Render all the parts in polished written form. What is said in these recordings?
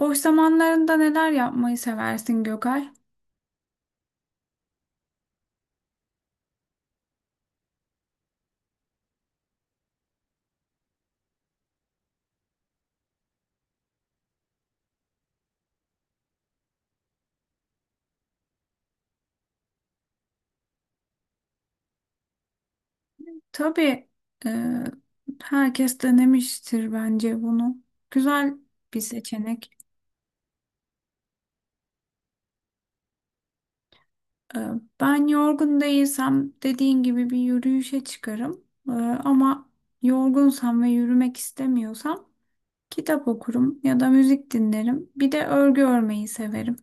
Boş zamanlarında neler yapmayı seversin Gökay? Tabii e, herkes denemiştir bence bunu. Güzel bir seçenek. E, Ben yorgun değilsem dediğin gibi bir yürüyüşe çıkarım. Ama yorgunsam ve yürümek istemiyorsam kitap okurum ya da müzik dinlerim. Bir de örgü örmeyi severim.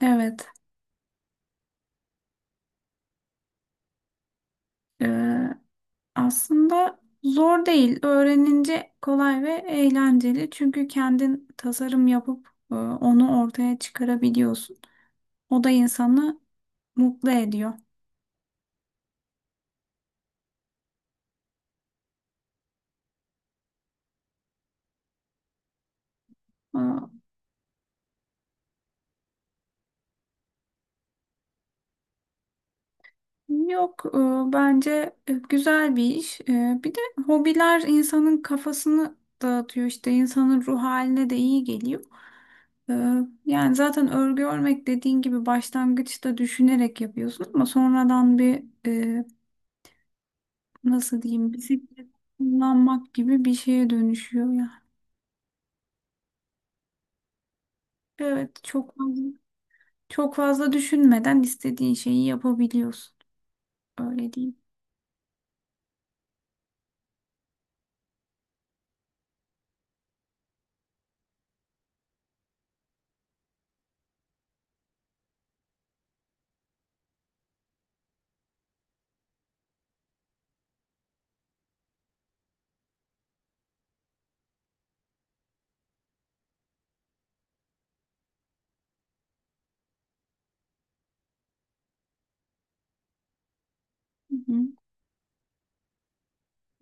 Evet. e, Aslında zor değil. Öğrenince kolay ve eğlenceli. Çünkü kendin tasarım yapıp onu ortaya çıkarabiliyorsun. O da insanı mutlu ediyor. E, Yok, bence güzel bir iş. Bir de hobiler insanın kafasını dağıtıyor, işte insanın ruh haline de iyi geliyor. E, Yani zaten örgü örmek dediğin gibi başlangıçta düşünerek yapıyorsun, ama sonradan bir, nasıl diyeyim, bisiklet kullanmak gibi bir şeye dönüşüyor yani. Evet, çok fazla düşünmeden istediğin şeyi yapabiliyorsun. Öyle diyeyim. Hı hı.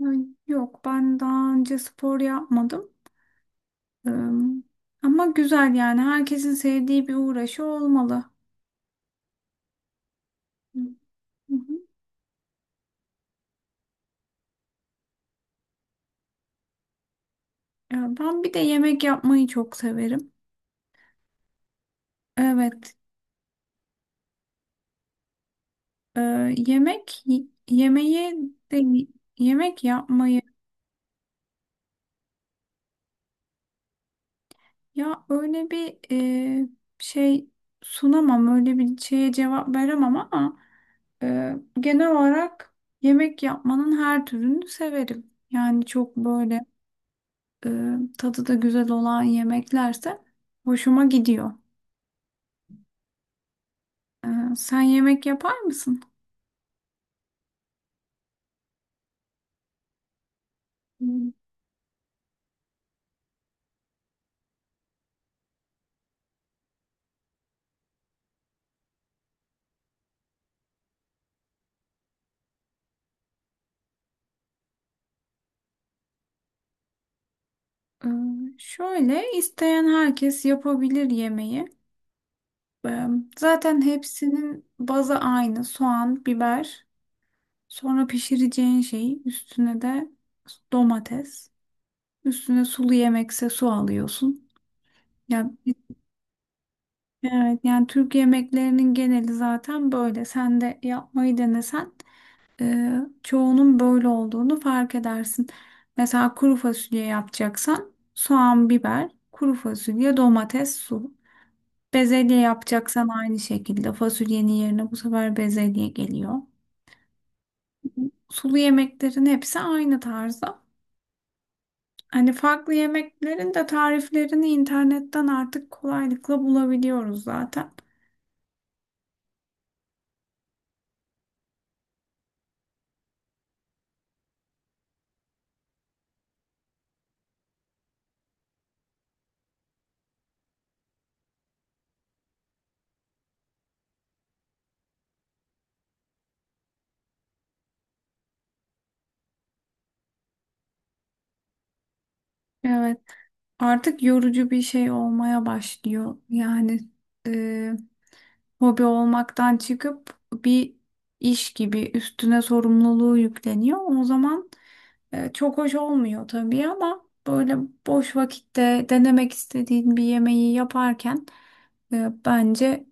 Ay, yok, ben daha önce spor yapmadım. Ee, Ama güzel yani, herkesin sevdiği bir uğraşı olmalı. Hı hı. Ya ben bir de yemek yapmayı çok severim. Evet, e, yemek yemeği de yemek yapmayı. Ya öyle bir, e, şey sunamam, öyle bir şeye cevap veremem, ama e, genel olarak yemek yapmanın her türünü severim. Yani çok böyle e, tadı da güzel olan yemeklerse hoşuma gidiyor. E, Sen yemek yapar mısın? Hmm. E, Şöyle, isteyen herkes yapabilir yemeği. E, Zaten hepsinin bazı aynı: soğan, biber. Sonra pişireceğin şeyi, üstüne de domates. Üstüne sulu yemekse su alıyorsun. Ya evet, yani Türk yemeklerinin geneli zaten böyle. Sen de yapmayı denesen e, çoğunun böyle olduğunu fark edersin. Mesela kuru fasulye yapacaksan soğan, biber, kuru fasulye, domates, su. Bezelye yapacaksan aynı şekilde fasulyenin yerine bu sefer bezelye geliyor. Sulu yemeklerin hepsi aynı tarzda. Hani farklı yemeklerin de tariflerini internetten artık kolaylıkla bulabiliyoruz zaten. Evet, artık yorucu bir şey olmaya başlıyor. Yani e, hobi olmaktan çıkıp bir iş gibi üstüne sorumluluğu yükleniyor. O zaman çok hoş olmuyor tabii, ama böyle boş vakitte denemek istediğin bir yemeği yaparken bence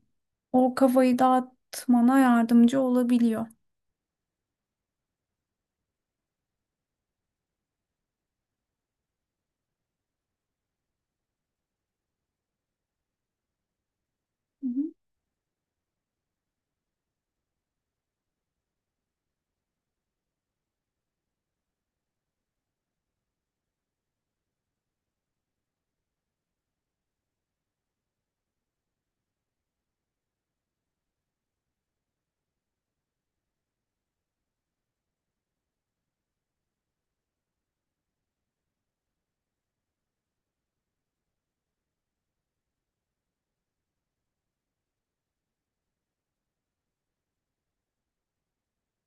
o kafayı dağıtmana yardımcı olabiliyor. Hı hı.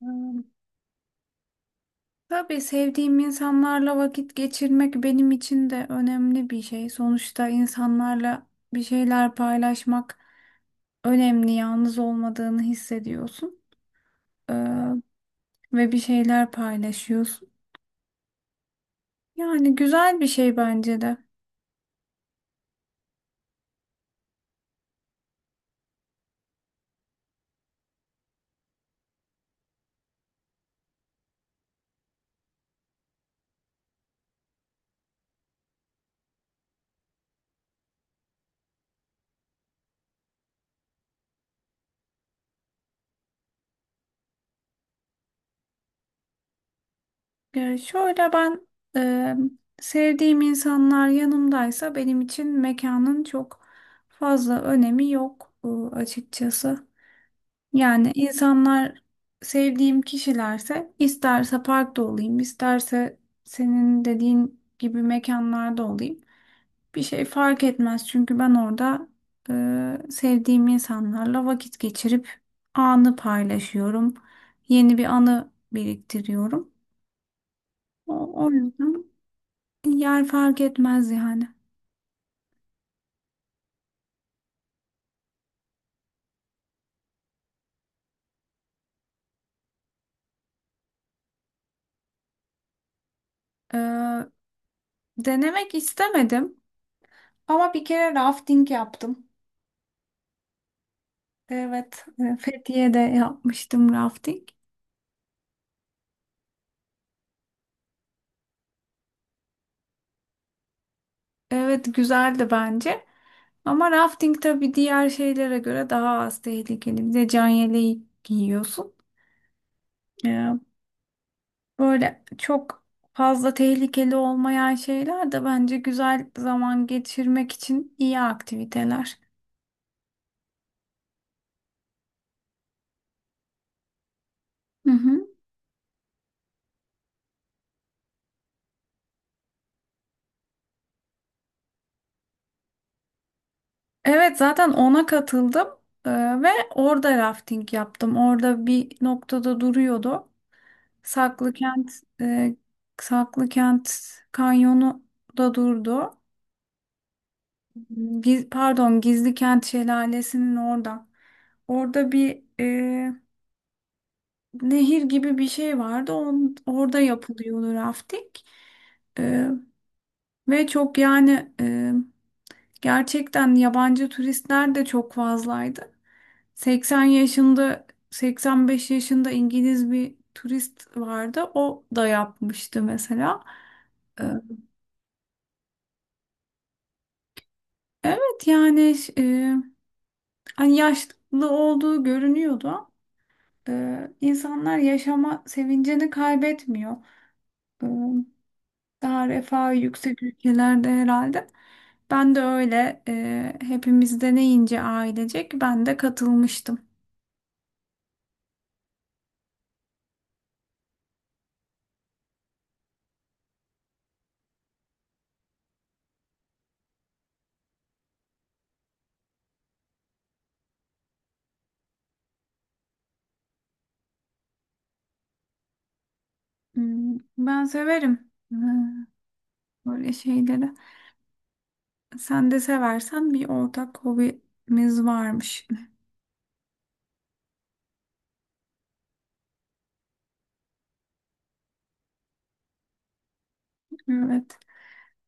Ee, Tabii sevdiğim insanlarla vakit geçirmek benim için de önemli bir şey. Sonuçta insanlarla bir şeyler paylaşmak önemli. Yalnız olmadığını hissediyorsun. Ee, Ve bir şeyler paylaşıyorsun. Yani güzel bir şey bence de. Şöyle, ben sevdiğim insanlar yanımdaysa benim için mekanın çok fazla önemi yok açıkçası. Yani insanlar sevdiğim kişilerse, isterse parkta olayım, isterse senin dediğin gibi mekanlarda olayım. Bir şey fark etmez, çünkü ben orada sevdiğim insanlarla vakit geçirip anı paylaşıyorum. Yeni bir anı biriktiriyorum. O, o yüzden yer fark etmez yani. E, Denemek istemedim, ama bir kere rafting yaptım. Evet, Fethiye'de yapmıştım rafting. Evet, güzeldi bence. Ama rafting tabii diğer şeylere göre daha az tehlikeli. Bir de can yeleği giyiyorsun. Ee, Böyle çok fazla tehlikeli olmayan şeyler de bence güzel zaman geçirmek için iyi aktiviteler. Hı hı. Evet, zaten ona katıldım Ee, ve orada rafting yaptım. Orada bir noktada duruyordu. Saklı Kent e, Saklı Kent Kanyonu da durdu. Pardon, Gizli Kent Şelalesi'nin orada. Orada bir nehir gibi bir şey vardı. Orada yapılıyordu rafting. E, Ve çok yani gerçekten yabancı turistler de çok fazlaydı. 80 yaşında, 85 yaşında İngiliz bir turist vardı. O da yapmıştı mesela. E, Evet yani, hani yaşlı olduğu görünüyordu. İnsanlar yaşama sevincini kaybetmiyor. Ee, Daha refah yüksek ülkelerde herhalde. Ben de öyle, hepimiz deneyince ailecek ben de katılmıştım. Hmm, ben severim, böyle şeyleri. Sen de seversen bir ortak hobimiz varmış. Evet,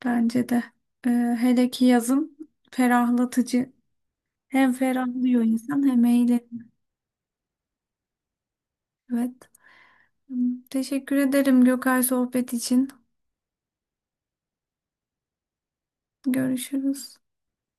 bence de. Ee, Hele ki yazın ferahlatıcı. Hem ferahlıyor insan hem eğleniyor. Evet. Tamam. Teşekkür ederim Gökay, sohbet için. Görüşürüz.